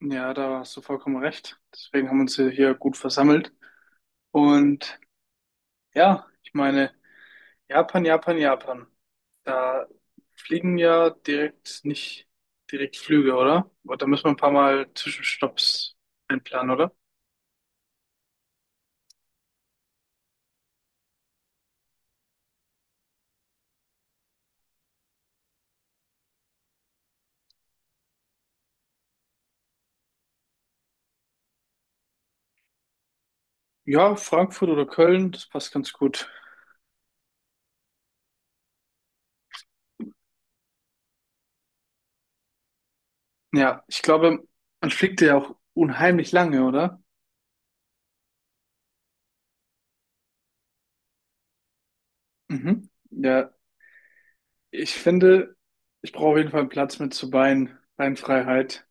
Ja, da hast du vollkommen recht. Deswegen haben wir uns hier gut versammelt. Und ja, ich meine, Japan, Japan, Japan. Da fliegen ja direkt nicht direkt Flüge, oder? Aber da müssen wir ein paar Mal Zwischenstopps einplanen, oder? Ja, Frankfurt oder Köln, das passt ganz gut. Ja, ich glaube, man fliegt ja auch unheimlich lange, oder? Mhm. Ja, ich finde, ich brauche auf jeden Fall einen Platz mit zur Beinfreiheit.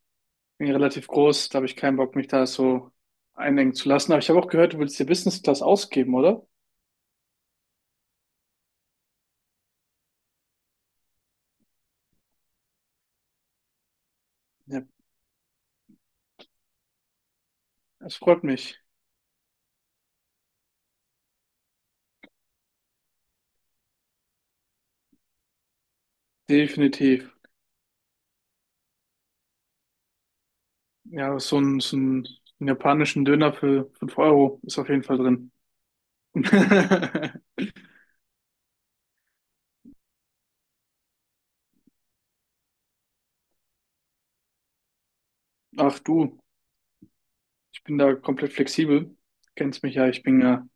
Bin relativ groß, da habe ich keinen Bock, mich da so einengen zu lassen. Aber ich habe auch gehört, du willst dir Business Class ausgeben, oder? Ja, das freut mich. Definitiv. Ja, so ein japanischen Döner für 5 € ist auf jeden Fall drin. Ach du, ich bin da komplett flexibel. Kennst mich ja, ich bin ja,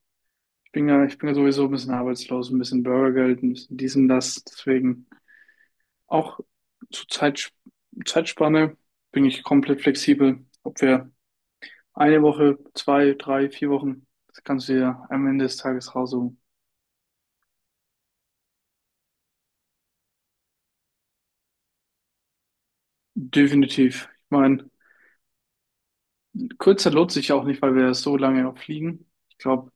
ich bin ja, ich bin ja sowieso ein bisschen arbeitslos, ein bisschen Bürgergeld, ein bisschen dies und das. Deswegen auch zur Zeit, Zeitspanne bin ich komplett flexibel, ob wir eine Woche, 2, 3, 4 Wochen, das kannst du dir am Ende des Tages raussuchen. Definitiv. Ich meine, Kurzzeit lohnt sich auch nicht, weil wir so lange auch fliegen. Ich glaube,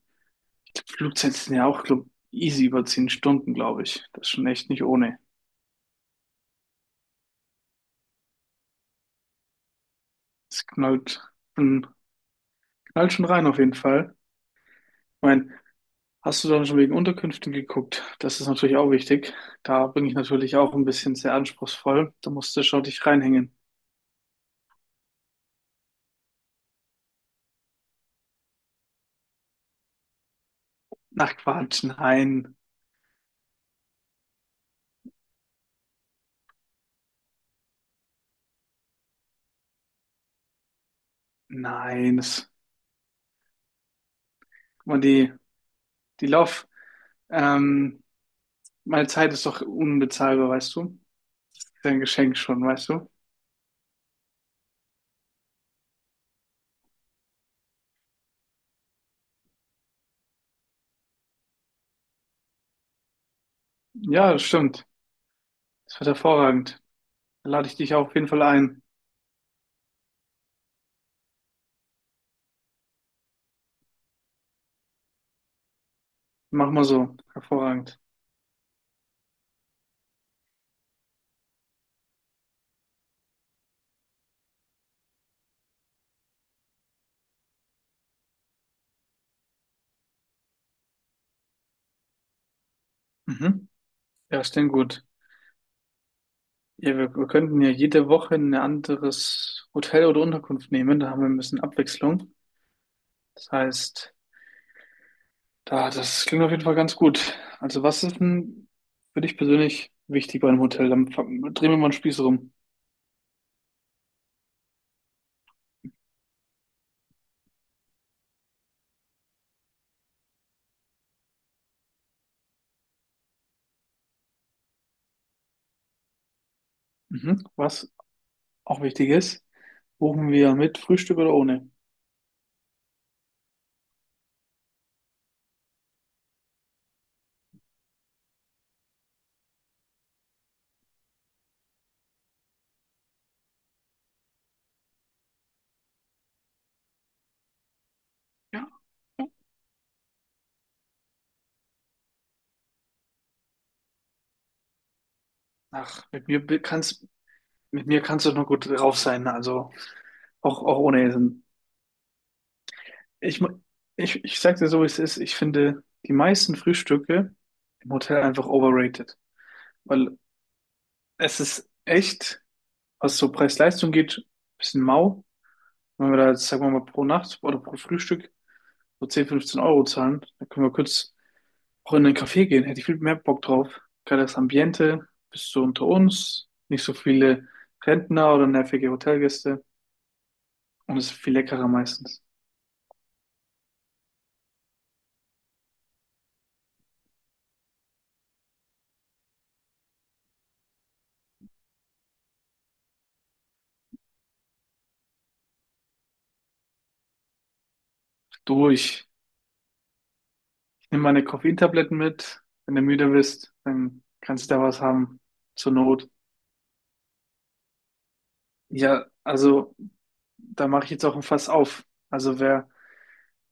Flugzeiten sind ja auch, glaub, easy über 10 Stunden, glaube ich. Das ist schon echt nicht ohne. Es schon, knallt schon rein auf jeden Fall. Ich meine, hast du dann schon wegen Unterkünften geguckt? Das ist natürlich auch wichtig. Da bin ich natürlich auch ein bisschen sehr anspruchsvoll. Da musst du schon dich reinhängen. Ach Quatsch, nein, nein. Das, guck mal, die Lauf, ähm, meine Zeit ist doch unbezahlbar, weißt du? Ist ja ein Geschenk schon, weißt du? Ja, das stimmt. Das wird hervorragend. Da lade ich dich auf jeden Fall ein. Mach mal so. Hervorragend. Mhm. Ja, ist denn gut. Ja, wir könnten ja jede Woche ein anderes Hotel oder Unterkunft nehmen. Da haben wir ein bisschen Abwechslung. Das heißt, das klingt auf jeden Fall ganz gut. Also, was ist denn für dich persönlich wichtig bei einem Hotel? Dann drehen wir mal einen Spieß rum. Mhm. Was auch wichtig ist. Buchen wir mit Frühstück oder ohne? Ja. Ach, mit mir kannst du doch nur gut drauf sein, also auch ohne Essen. Ich, mu- ich sag dir so, wie es ist. Ich finde die meisten Frühstücke im Hotel einfach overrated, weil es ist echt, was so Preis-Leistung geht, ein bisschen mau. Wenn wir da jetzt, sagen wir mal, pro Nacht oder pro Frühstück so 10-15 € zahlen, dann können wir kurz auch in einen Café gehen, hätte ich viel mehr Bock drauf. Geiles Ambiente, bist du unter uns, nicht so viele Rentner oder nervige Hotelgäste und es ist viel leckerer meistens. Du, ich nehme meine Koffeintabletten mit. Wenn du müde bist, dann kannst du da was haben, zur Not. Ja, also da mache ich jetzt auch ein Fass auf. Also wer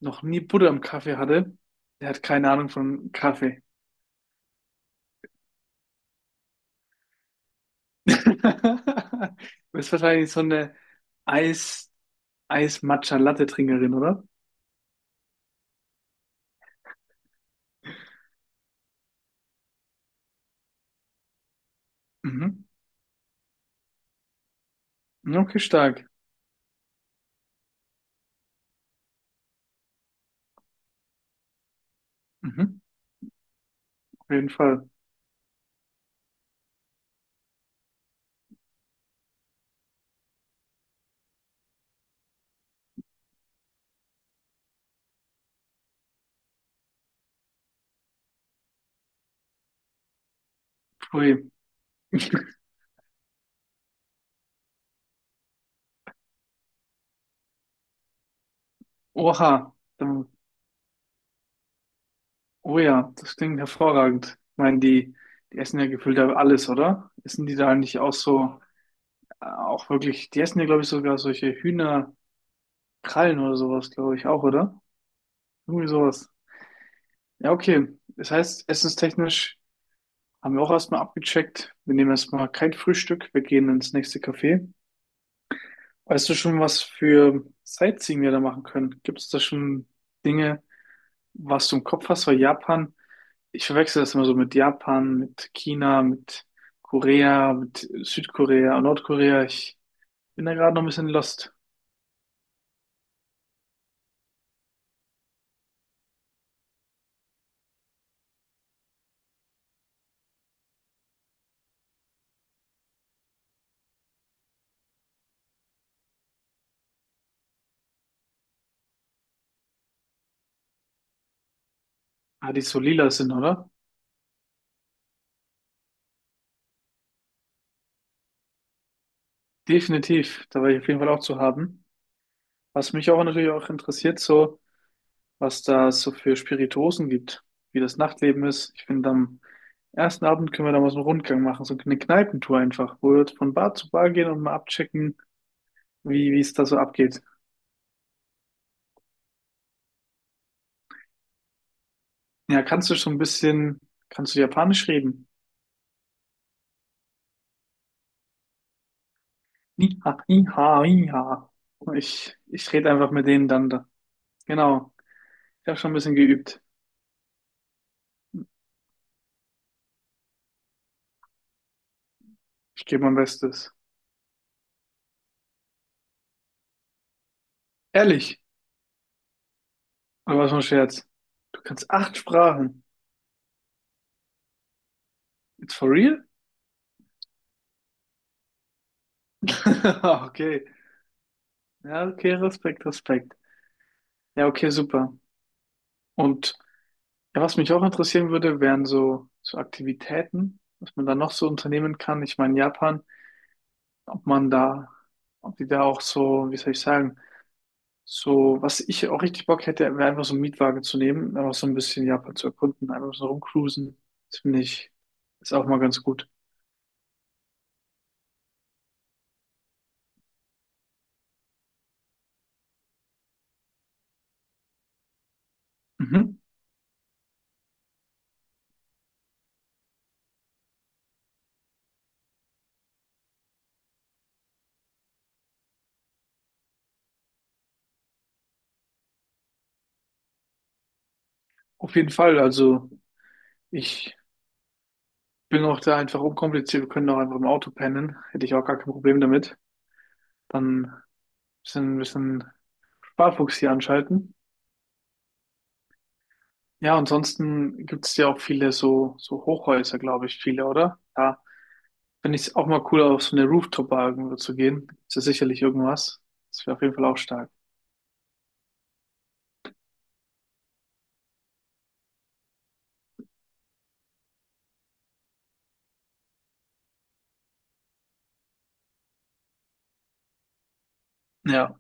noch nie Butter im Kaffee hatte, der hat keine Ahnung von Kaffee. Du bist wahrscheinlich so eine Eis, Eis-Matcha-Latte-Trinkerin, oder? Mhm. Ja, okay, stark. Mhm. Auf jeden Fall. Pui. Oha. Oh ja, das klingt hervorragend. Ich meine, die essen ja gefühlt ja alles, oder? Essen die da nicht auch so, auch wirklich, die essen ja, glaube ich, sogar solche Hühnerkrallen oder sowas, glaube ich, auch, oder? Irgendwie sowas. Ja, okay. Das heißt, essenstechnisch haben wir auch erstmal abgecheckt. Wir nehmen erstmal kein Frühstück. Wir gehen ins nächste Café. Weißt du schon, was für Sightseeing wir da machen können? Gibt es da schon Dinge, was du im Kopf hast? Weil Japan, ich verwechsel das immer so mit Japan, mit China, mit Korea, mit Südkorea und Nordkorea. Ich bin da gerade noch ein bisschen lost. Ah, die so lila sind, oder? Definitiv, da war ich auf jeden Fall auch zu haben. Was mich auch natürlich auch interessiert, so, was da es so für Spirituosen gibt, wie das Nachtleben ist. Ich finde, am ersten Abend können wir da mal so einen Rundgang machen, so eine Kneipentour einfach, wo wir von Bar zu Bar gehen und mal abchecken, wie es da so abgeht. Ja, kannst du schon ein bisschen, kannst du Japanisch reden? Iha, iha, iha. Ich rede einfach mit denen dann da. Genau. Ich habe schon ein bisschen geübt. Ich gebe mein Bestes. Ehrlich? Oder was für ein Scherz? Du kannst acht Sprachen. It's for real? Okay. Ja, okay, Respekt, Respekt. Ja, okay, super. Und ja, was mich auch interessieren würde, wären so Aktivitäten, was man da noch so unternehmen kann. Ich meine, Japan, ob man da, ob die da auch so, wie soll ich sagen, so, was ich auch richtig Bock hätte, wäre einfach so einen Mietwagen zu nehmen, einfach so ein bisschen Japan zu erkunden, einfach so rumcruisen. Das finde ich, ist auch mal ganz gut. Mhm. Auf jeden Fall, also ich bin auch da einfach unkompliziert. Wir können auch einfach im Auto pennen. Hätte ich auch gar kein Problem damit. Dann ein bisschen Sparfuchs hier anschalten. Ja, ansonsten gibt es ja auch viele so Hochhäuser, glaube ich, viele, oder? Ja, finde ich es auch mal cool, auf so eine Rooftop-Bar irgendwo zu gehen. Ist ja sicherlich irgendwas. Das wäre auf jeden Fall auch stark. Ja.